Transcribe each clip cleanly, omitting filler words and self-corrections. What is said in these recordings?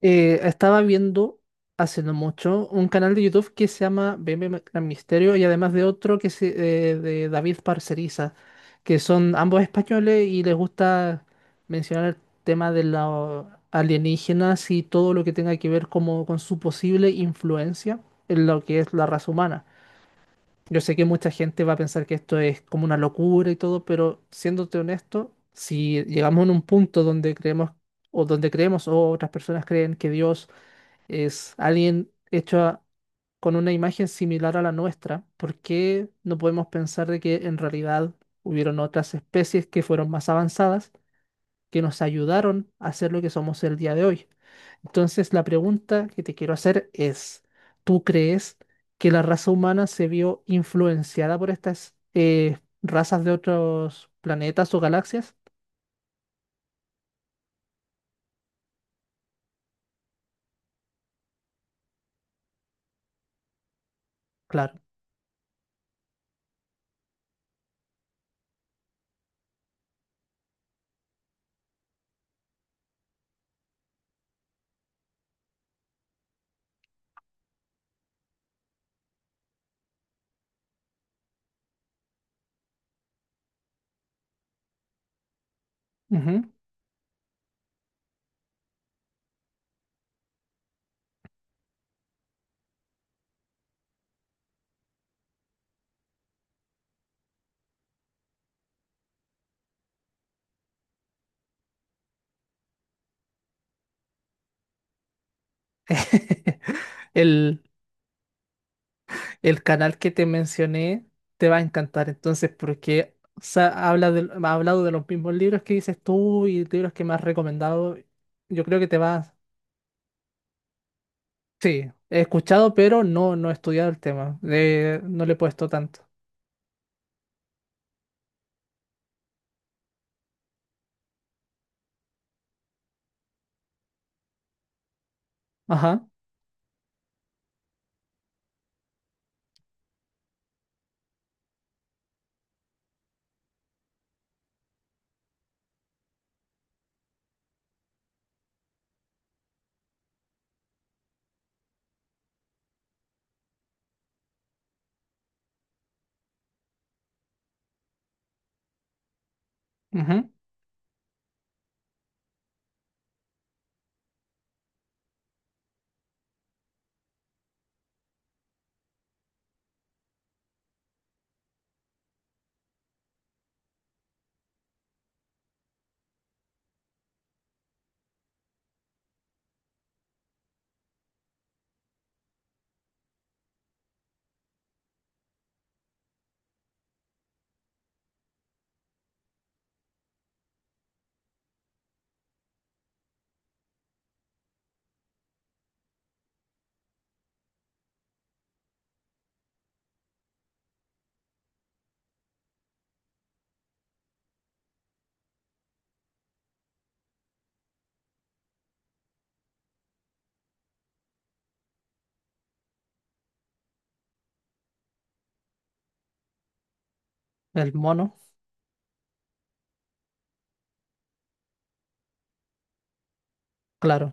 Estaba viendo hace no mucho un canal de YouTube que se llama BM Gran Misterio y además de otro que se, de David Parceriza, que son ambos españoles y les gusta mencionar el tema de los alienígenas y todo lo que tenga que ver como con su posible influencia en lo que es la raza humana. Yo sé que mucha gente va a pensar que esto es como una locura y todo, pero siéndote honesto, si llegamos en un punto donde creemos o otras personas creen que Dios es alguien hecho con una imagen similar a la nuestra, ¿por qué no podemos pensar de que en realidad hubieron otras especies que fueron más avanzadas, que nos ayudaron a ser lo que somos el día de hoy? Entonces, la pregunta que te quiero hacer es, ¿tú crees que la raza humana se vio influenciada por estas razas de otros planetas o galaxias? Claro. Ujú. El, El canal que te mencioné te va a encantar entonces porque o sea, ha hablado de los mismos libros que dices tú y libros que me has recomendado. Yo creo que te vas... Sí, he escuchado, pero no, no he estudiado el tema. No le he puesto tanto. Ajá. Ujú. El mono. Claro,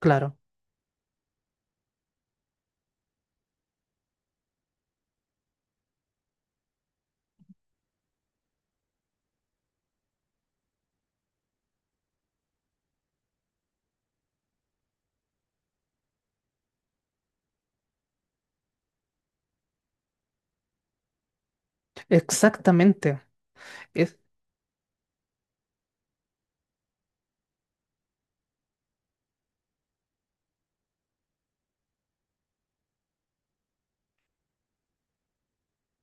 claro. Exactamente. Es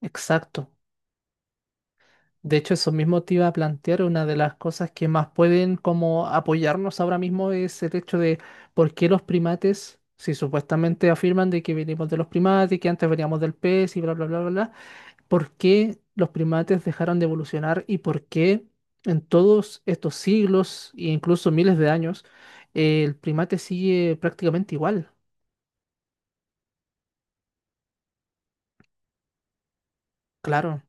Exacto. De hecho, eso mismo te iba a plantear, una de las cosas que más pueden como apoyarnos ahora mismo es el hecho de por qué los primates, si supuestamente afirman de que venimos de los primates, que antes veníamos del pez y bla, bla, bla, bla, bla, ¿por qué los primates dejaron de evolucionar y por qué en todos estos siglos e incluso miles de años el primate sigue prácticamente igual? Claro.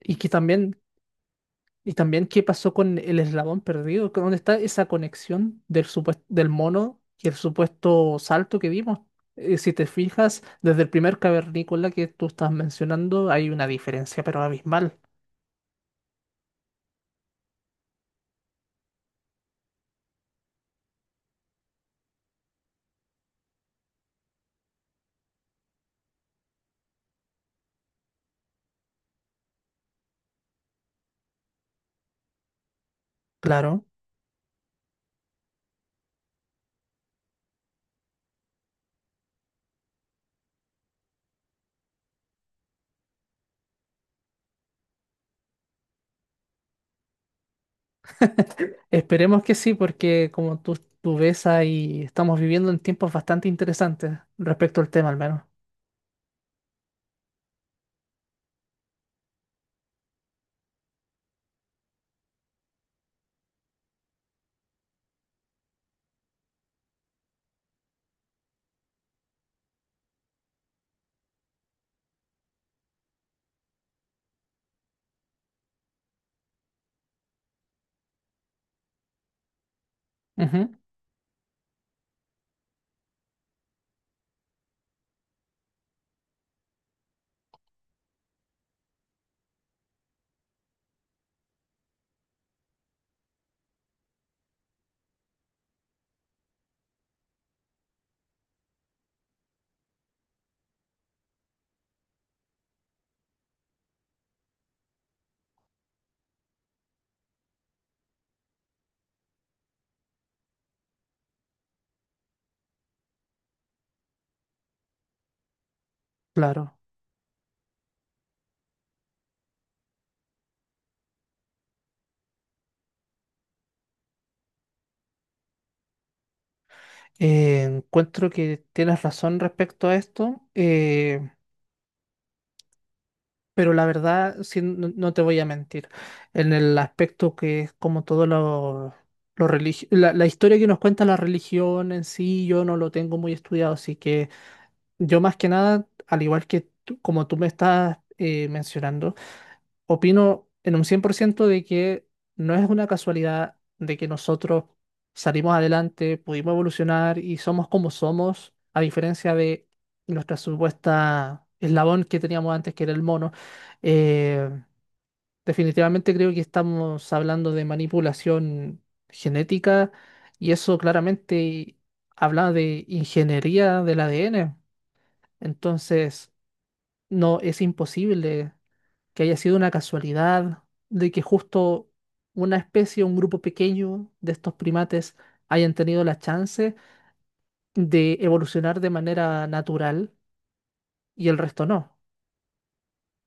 Y que también. Y también qué pasó con el eslabón perdido, ¿dónde está esa conexión del mono y el supuesto salto que vimos? Si te fijas, desde el primer cavernícola que tú estás mencionando hay una diferencia, pero abismal. Claro. Esperemos que sí, porque tú ves ahí, estamos viviendo en tiempos bastante interesantes respecto al tema al menos. Ujú, claro. Encuentro que tienes razón respecto a esto. Pero la verdad, sí, no, no te voy a mentir, en el aspecto que es como la historia que nos cuenta la religión en sí, yo no lo tengo muy estudiado, así que yo más que nada, al igual que como tú me estás mencionando, opino en un 100% de que no es una casualidad de que nosotros salimos adelante, pudimos evolucionar y somos como somos, a diferencia de nuestra supuesta eslabón que teníamos antes, que era el mono. Eh, Definitivamente creo que estamos hablando de manipulación genética y eso claramente habla de ingeniería del ADN. Entonces, no es imposible que haya sido una casualidad, de que justo una especie, un grupo pequeño de estos primates hayan tenido la chance de evolucionar de manera natural y el resto no.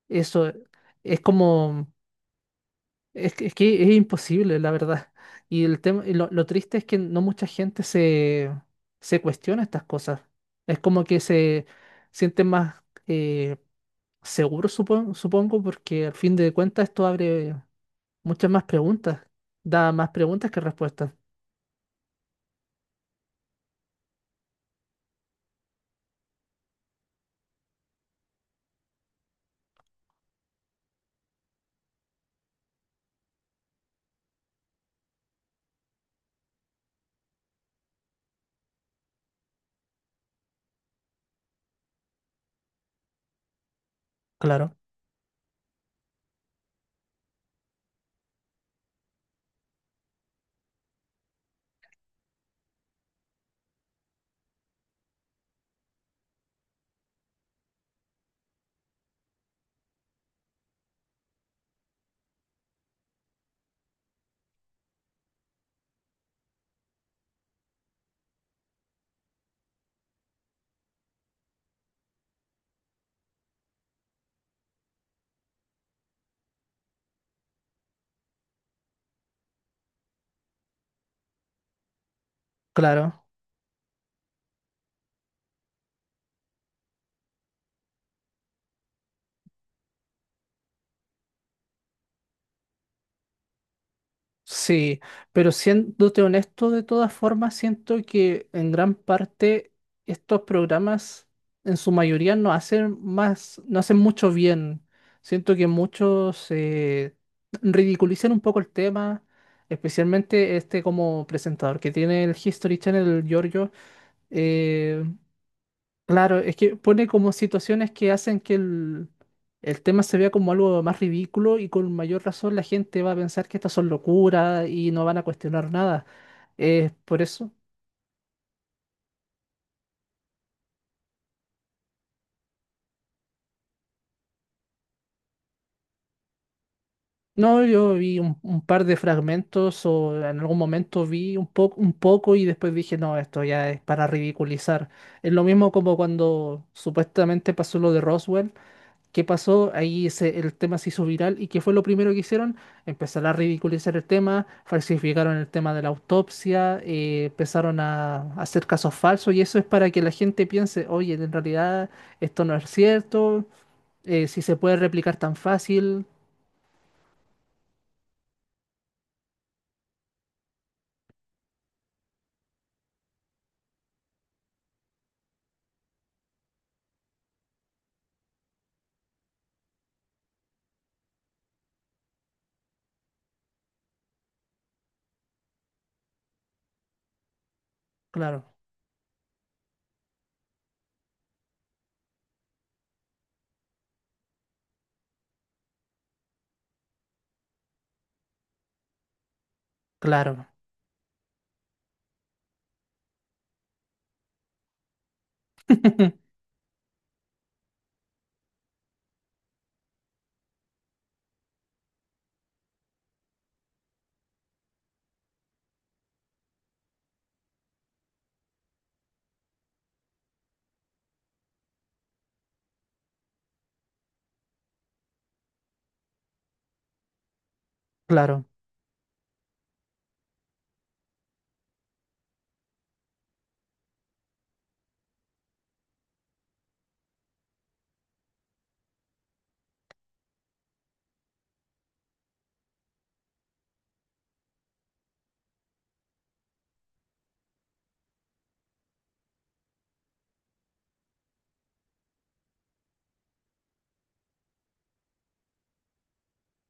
Eso es como, que es imposible, la verdad. Y el tema, y lo triste es que no mucha gente se cuestiona estas cosas. Es como que se sienten más seguros, supongo, porque al fin de cuentas esto abre muchas más preguntas. Da más preguntas que respuestas. Claro, claro. Sí, pero siéndote honesto, de todas formas, siento que en gran parte estos programas, en su mayoría, no hacen más, no hacen mucho bien. Siento que muchos ridiculizan un poco el tema, especialmente este como presentador que tiene el History Channel, el Giorgio. eh, Claro, es que pone como situaciones que hacen que el tema se vea como algo más ridículo y con mayor razón la gente va a pensar que estas son locuras y no van a cuestionar nada. Por eso. No, yo vi un par de fragmentos o en algún momento vi un poco y después dije, no, esto ya es para ridiculizar. Es lo mismo como cuando supuestamente pasó lo de Roswell. ¿Qué pasó? El tema se hizo viral y ¿qué fue lo primero que hicieron? Empezar a ridiculizar el tema, falsificaron el tema de la autopsia, empezaron a hacer casos falsos y eso es para que la gente piense, oye, en realidad esto no es cierto, si se puede replicar tan fácil. Claro, claro, claro.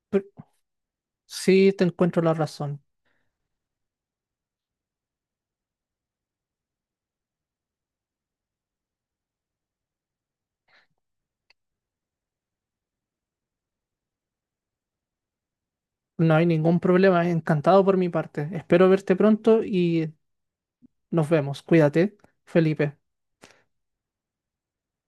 Pero sí, te encuentro la razón. No hay ningún problema, encantado por mi parte. Espero verte pronto y nos vemos. Cuídate, Felipe.